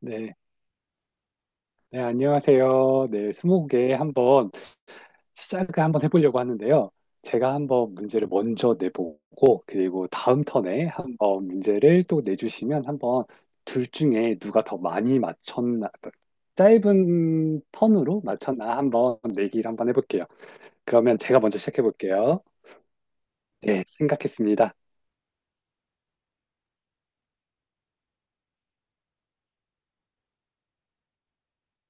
네, 네, 안녕하세요. 네, 스무고개 한번 시작을 한번 해보려고 하는데요. 제가 한번 문제를 먼저 내보고, 그리고 다음 턴에 한번 문제를 또 내주시면 한번 둘 중에 누가 더 많이 맞췄나, 짧은 턴으로 맞췄나 한번 내기를 한번 해볼게요. 그러면 제가 먼저 시작해볼게요. 네, 생각했습니다.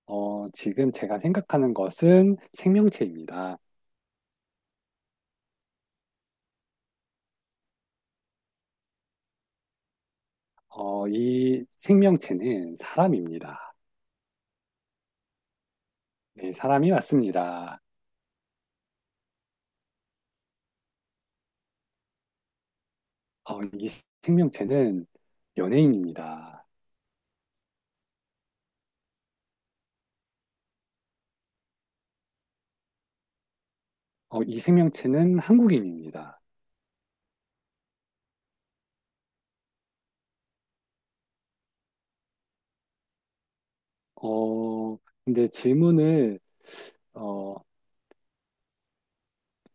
지금 제가 생각하는 것은 생명체입니다. 이 생명체는 사람입니다. 네, 사람이 왔습니다. 이 생명체는 연예인입니다. 이 생명체는 한국인입니다. 어, 근데 질문을, 어,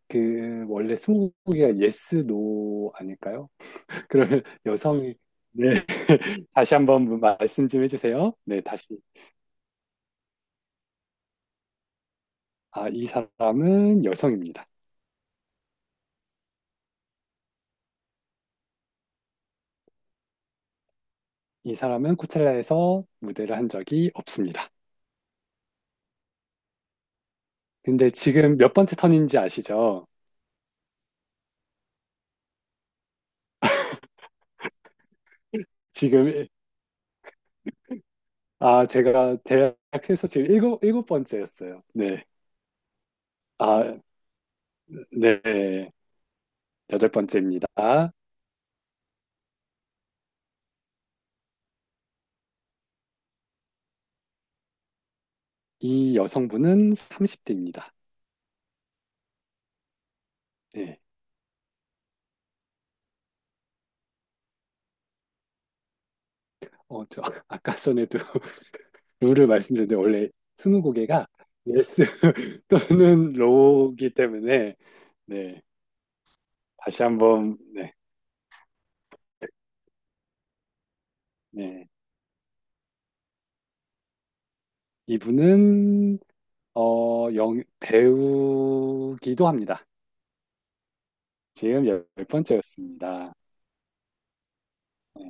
원래 스무고개가 yes, no 아닐까요? 그러면 여성이, 네, 다시 한번 말씀 좀 해주세요. 네, 다시. 아, 이 사람은 여성입니다. 이 사람은 코첼라에서 무대를 한 적이 없습니다. 근데 지금 몇 번째 턴인지 아시죠? 지금 아, 제가 대학에서 지금 일곱 번째였어요. 네. 아, 네. 여덟 번째입니다. 이 여성분은 30대입니다. 네. 어, 저, 아까 전에도 룰을 말씀드렸는데, 원래 스무고개가 예스 또는 로우기 때문에, 네. 다시 한번, 네. 네. 이분은, 배우기도 합니다. 지금 열 번째였습니다. 네.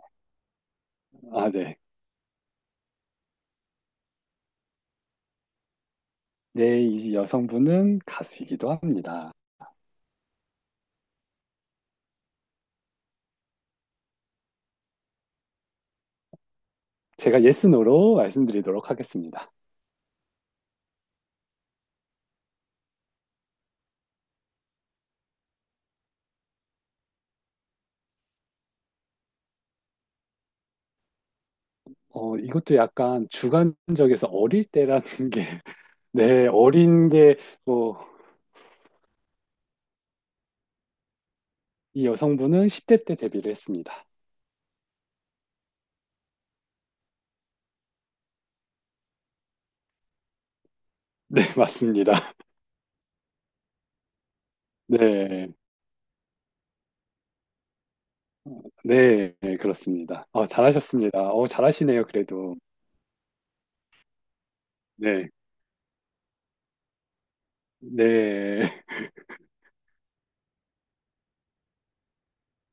아, 네. 네, 이 여성분은 가수이기도 합니다. 제가 예스노로 말씀드리도록 하겠습니다. 이것도 약간 주관적에서 어릴 때라는 게, 네, 어린 게, 뭐, 이 여성분은 10대 때 데뷔를 했습니다. 네, 맞습니다. 네, 네, 네, 그렇습니다. 잘하셨습니다. 잘하시네요, 그래도. 네, 네.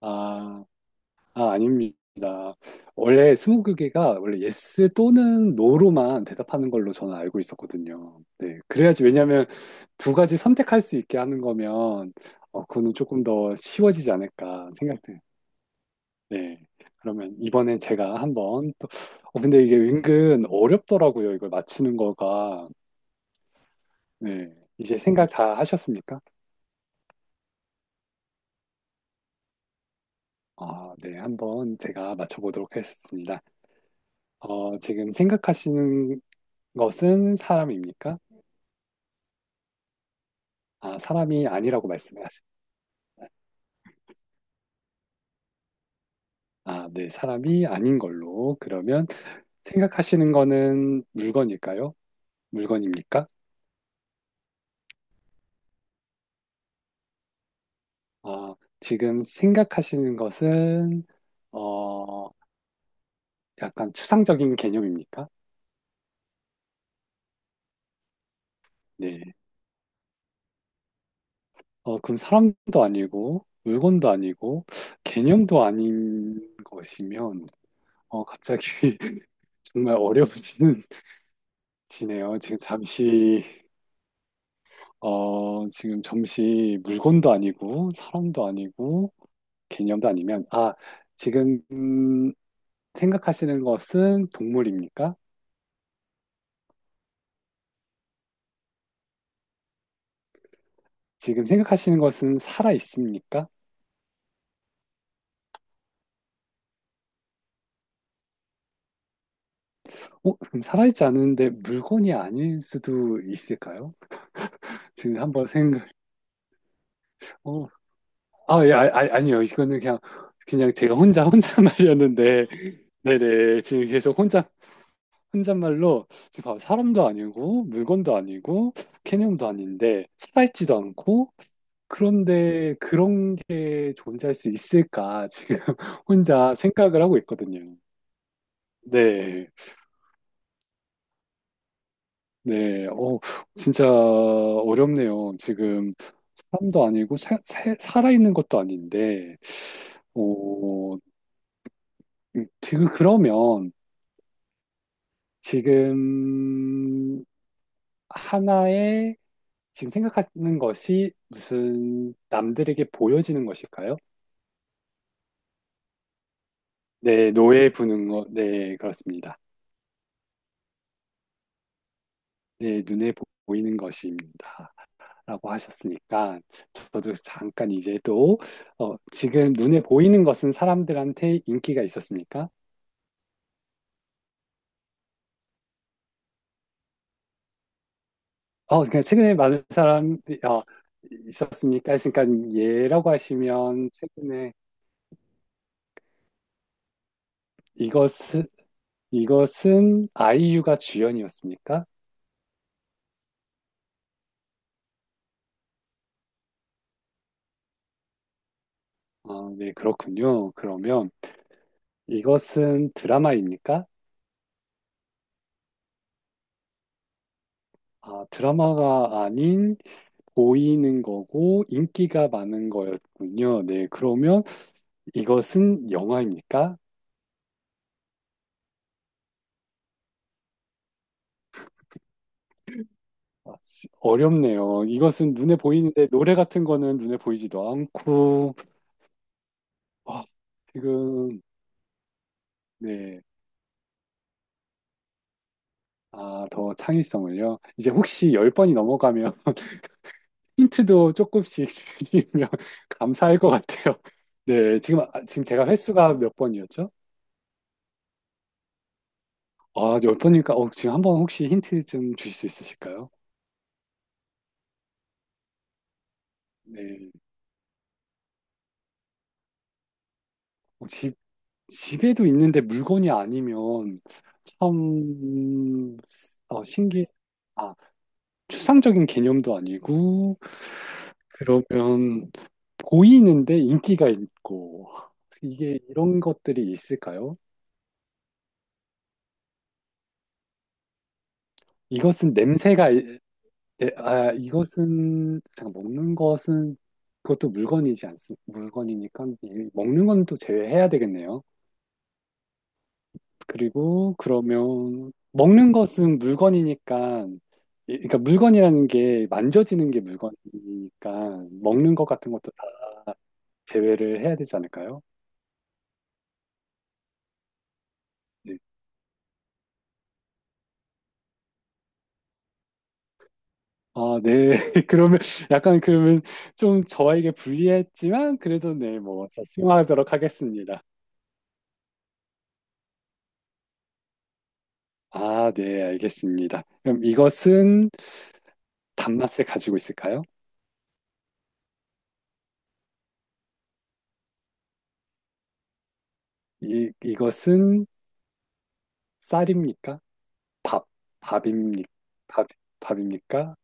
아, 아닙니다. 원래 스무고개가 원래 예스 또는 노로만 대답하는 걸로 저는 알고 있었거든요. 네, 그래야지 왜냐하면 두 가지 선택할 수 있게 하는 거면 그거는 조금 더 쉬워지지 않을까 생각돼요. 네, 그러면 이번엔 제가 한번 또 근데 이게 은근 어렵더라고요. 이걸 맞히는 거가. 네, 이제 생각 다 하셨습니까? 아, 네, 한번 제가 맞춰보도록 하겠습니다. 지금 생각하시는 것은 사람입니까? 아, 사람이 아니라고 말씀을 하시. 아, 네, 사람이 아닌 걸로. 그러면 생각하시는 거는 물건일까요? 물건입니까? 아, 지금 생각하시는 것은 어, 약간 추상적인 개념입니까? 네. 그럼 사람도 아니고 물건도 아니고 개념도 아닌 것이면 갑자기 정말 어려워지는 지네요. 지금 잠시 지금 잠시 물건도 아니고 사람도 아니고 개념도 아니면, 아, 지금 생각하시는 것은 동물입니까? 지금 생각하시는 것은 살아 있습니까? 그럼 살아있지 않은데 물건이 아닐 수도 있을까요? 지금 한번 생각, 어, 아, 예, 아니요. 이거는 그냥, 그냥 제가 혼자, 혼자 말이었는데, 네네. 지금 계속 혼자 혼잣말로 지금 봐봐, 사람도 아니고 물건도 아니고 개념도 아닌데 살아있지도 않고 그런데 그런 게 존재할 수 있을까 지금 혼자 생각을 하고 있거든요. 네, 네, 진짜 어렵네요. 지금 사람도 아니고 살아있는 것도 아닌데, 어, 지금 그러면 지금 하나의 지금 생각하는 것이 무슨 남들에게 보여지는 것일까요? 네, 노에 부는 것, 네, 그렇습니다. 네, 보이는 것입니다. 라고 하셨으니까, 저도 잠깐 이제 또, 지금 눈에 보이는 것은 사람들한테 인기가 있었습니까? 그냥 최근에 많은 사람, 어, 있었습니까? 했으니까, 예라고 하시면, 최근에 이것은, 이것은 아이유가 주연이었습니까? 아, 네, 그렇군요. 그러면, 이것은 드라마입니까? 아, 드라마가 아닌 보이는 거고 인기가 많은 거였군요. 네, 그러면 이것은 영화입니까? 아, 씨, 어렵네요. 이것은 눈에 보이는데 노래 같은 거는 눈에 보이지도 않고 아, 지금 네. 아, 더 창의성을요. 이제 혹시 열번이 넘어가면 힌트도 조금씩 주시면 감사할 것 같아요. 네, 지금 아, 지금 제가 횟수가 몇 번이었죠? 아, 열번이니까 지금 한번 혹시 힌트 좀 주실 수 있으실까요? 네. 어, 집, 집에도 있는데 물건이 아니면 참 어, 신기, 아, 추상적인 개념도 아니고, 그러면 보이는데 인기가 있고, 이게 이런 것들이 있을까요? 이것은 냄새가, 아, 이것은, 잠깐, 먹는 것은, 그것도 물건이지 않습니까? 물건이니까, 먹는 건 또 제외해야 되겠네요. 그리고 그러면 먹는 것은 물건이니까 그러니까 물건이라는 게 만져지는 게 물건이니까 먹는 것 같은 것도 다 제외를 해야 되지 않을까요? 네. 아, 네. 그러면 약간 그러면 좀 저에게 불리했지만 그래도 네, 뭐 저 수용하도록 하겠습니다. 아, 네, 알겠습니다. 그럼 이것은 단맛을 가지고 있을까요? 이 이것은 쌀입니까? 밥, 밥입니 밥, 밥입니까?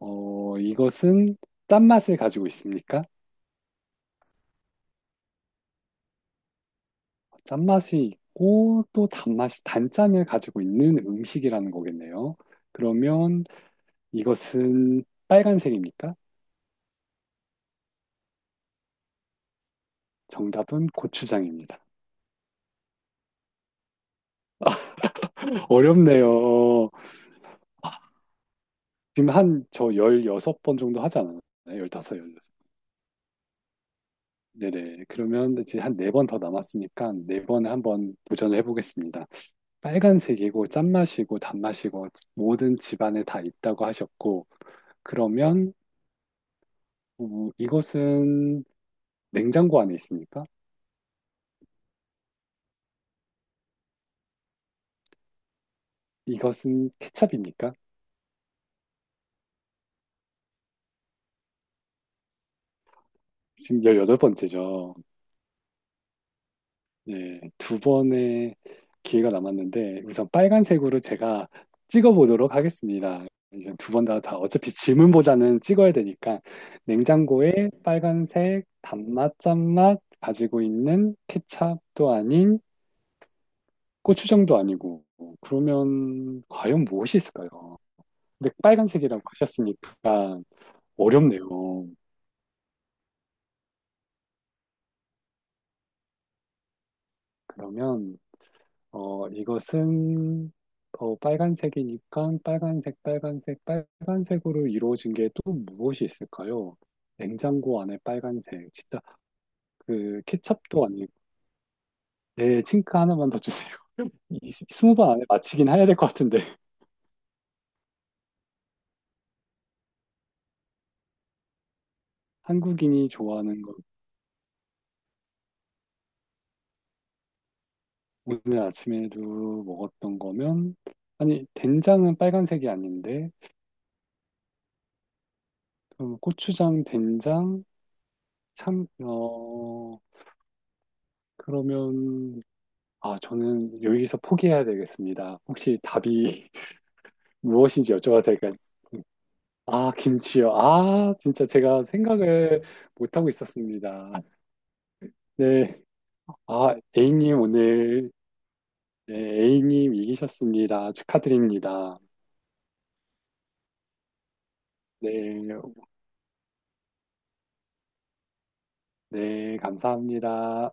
이것은 짠맛을 가지고 있습니까? 짠맛이 있고 또 단맛이 단짠을 가지고 있는 음식이라는 거겠네요. 그러면 이것은 빨간색입니까? 정답은 고추장입니다. 어렵네요. 지금 한 저 16번 정도 하지 않았나요? 15, 16. 네네. 그러면 이제 한 네 번 더 남았으니까 네 번에 한번 도전을 해보겠습니다. 빨간색이고 짠맛이고 단맛이고 모든 집안에 다 있다고 하셨고, 그러면 이것은 냉장고 안에 있습니까? 이것은 케첩입니까? 지금 18번째죠. 예, 두 번의 기회가 남았는데 우선 빨간색으로 제가 찍어보도록 하겠습니다. 이제 두 번 다 다 어차피 질문보다는 찍어야 되니까 냉장고에 빨간색 단맛 짠맛 가지고 있는 케첩도 아닌 고추장도 아니고 그러면 과연 무엇이 있을까요? 근데 빨간색이라고 하셨으니까 어렵네요. 그러면 이것은 빨간색이니까 빨간색, 빨간색, 빨간색으로 이루어진 게 또 무엇이 있을까요? 냉장고 안에 빨간색, 진짜 그 케첩도 아니고 네, 칭크 하나만 더 주세요. 20번 안에 맞히긴 해야 될 것 같은데 한국인이 좋아하는 거 오늘 아침에도 먹었던 거면 아니 된장은 빨간색이 아닌데 그럼 고추장, 된장, 참, 그러면 아, 저는 여기서 포기해야 되겠습니다. 혹시 답이 무엇인지 여쭤봐도 될까요? 아, 김치요. 아, 진짜 제가 생각을 못하고 있었습니다. 네. 아, A님 오늘, 네, A님 이기셨습니다. 축하드립니다. 네, 네, 감사합니다.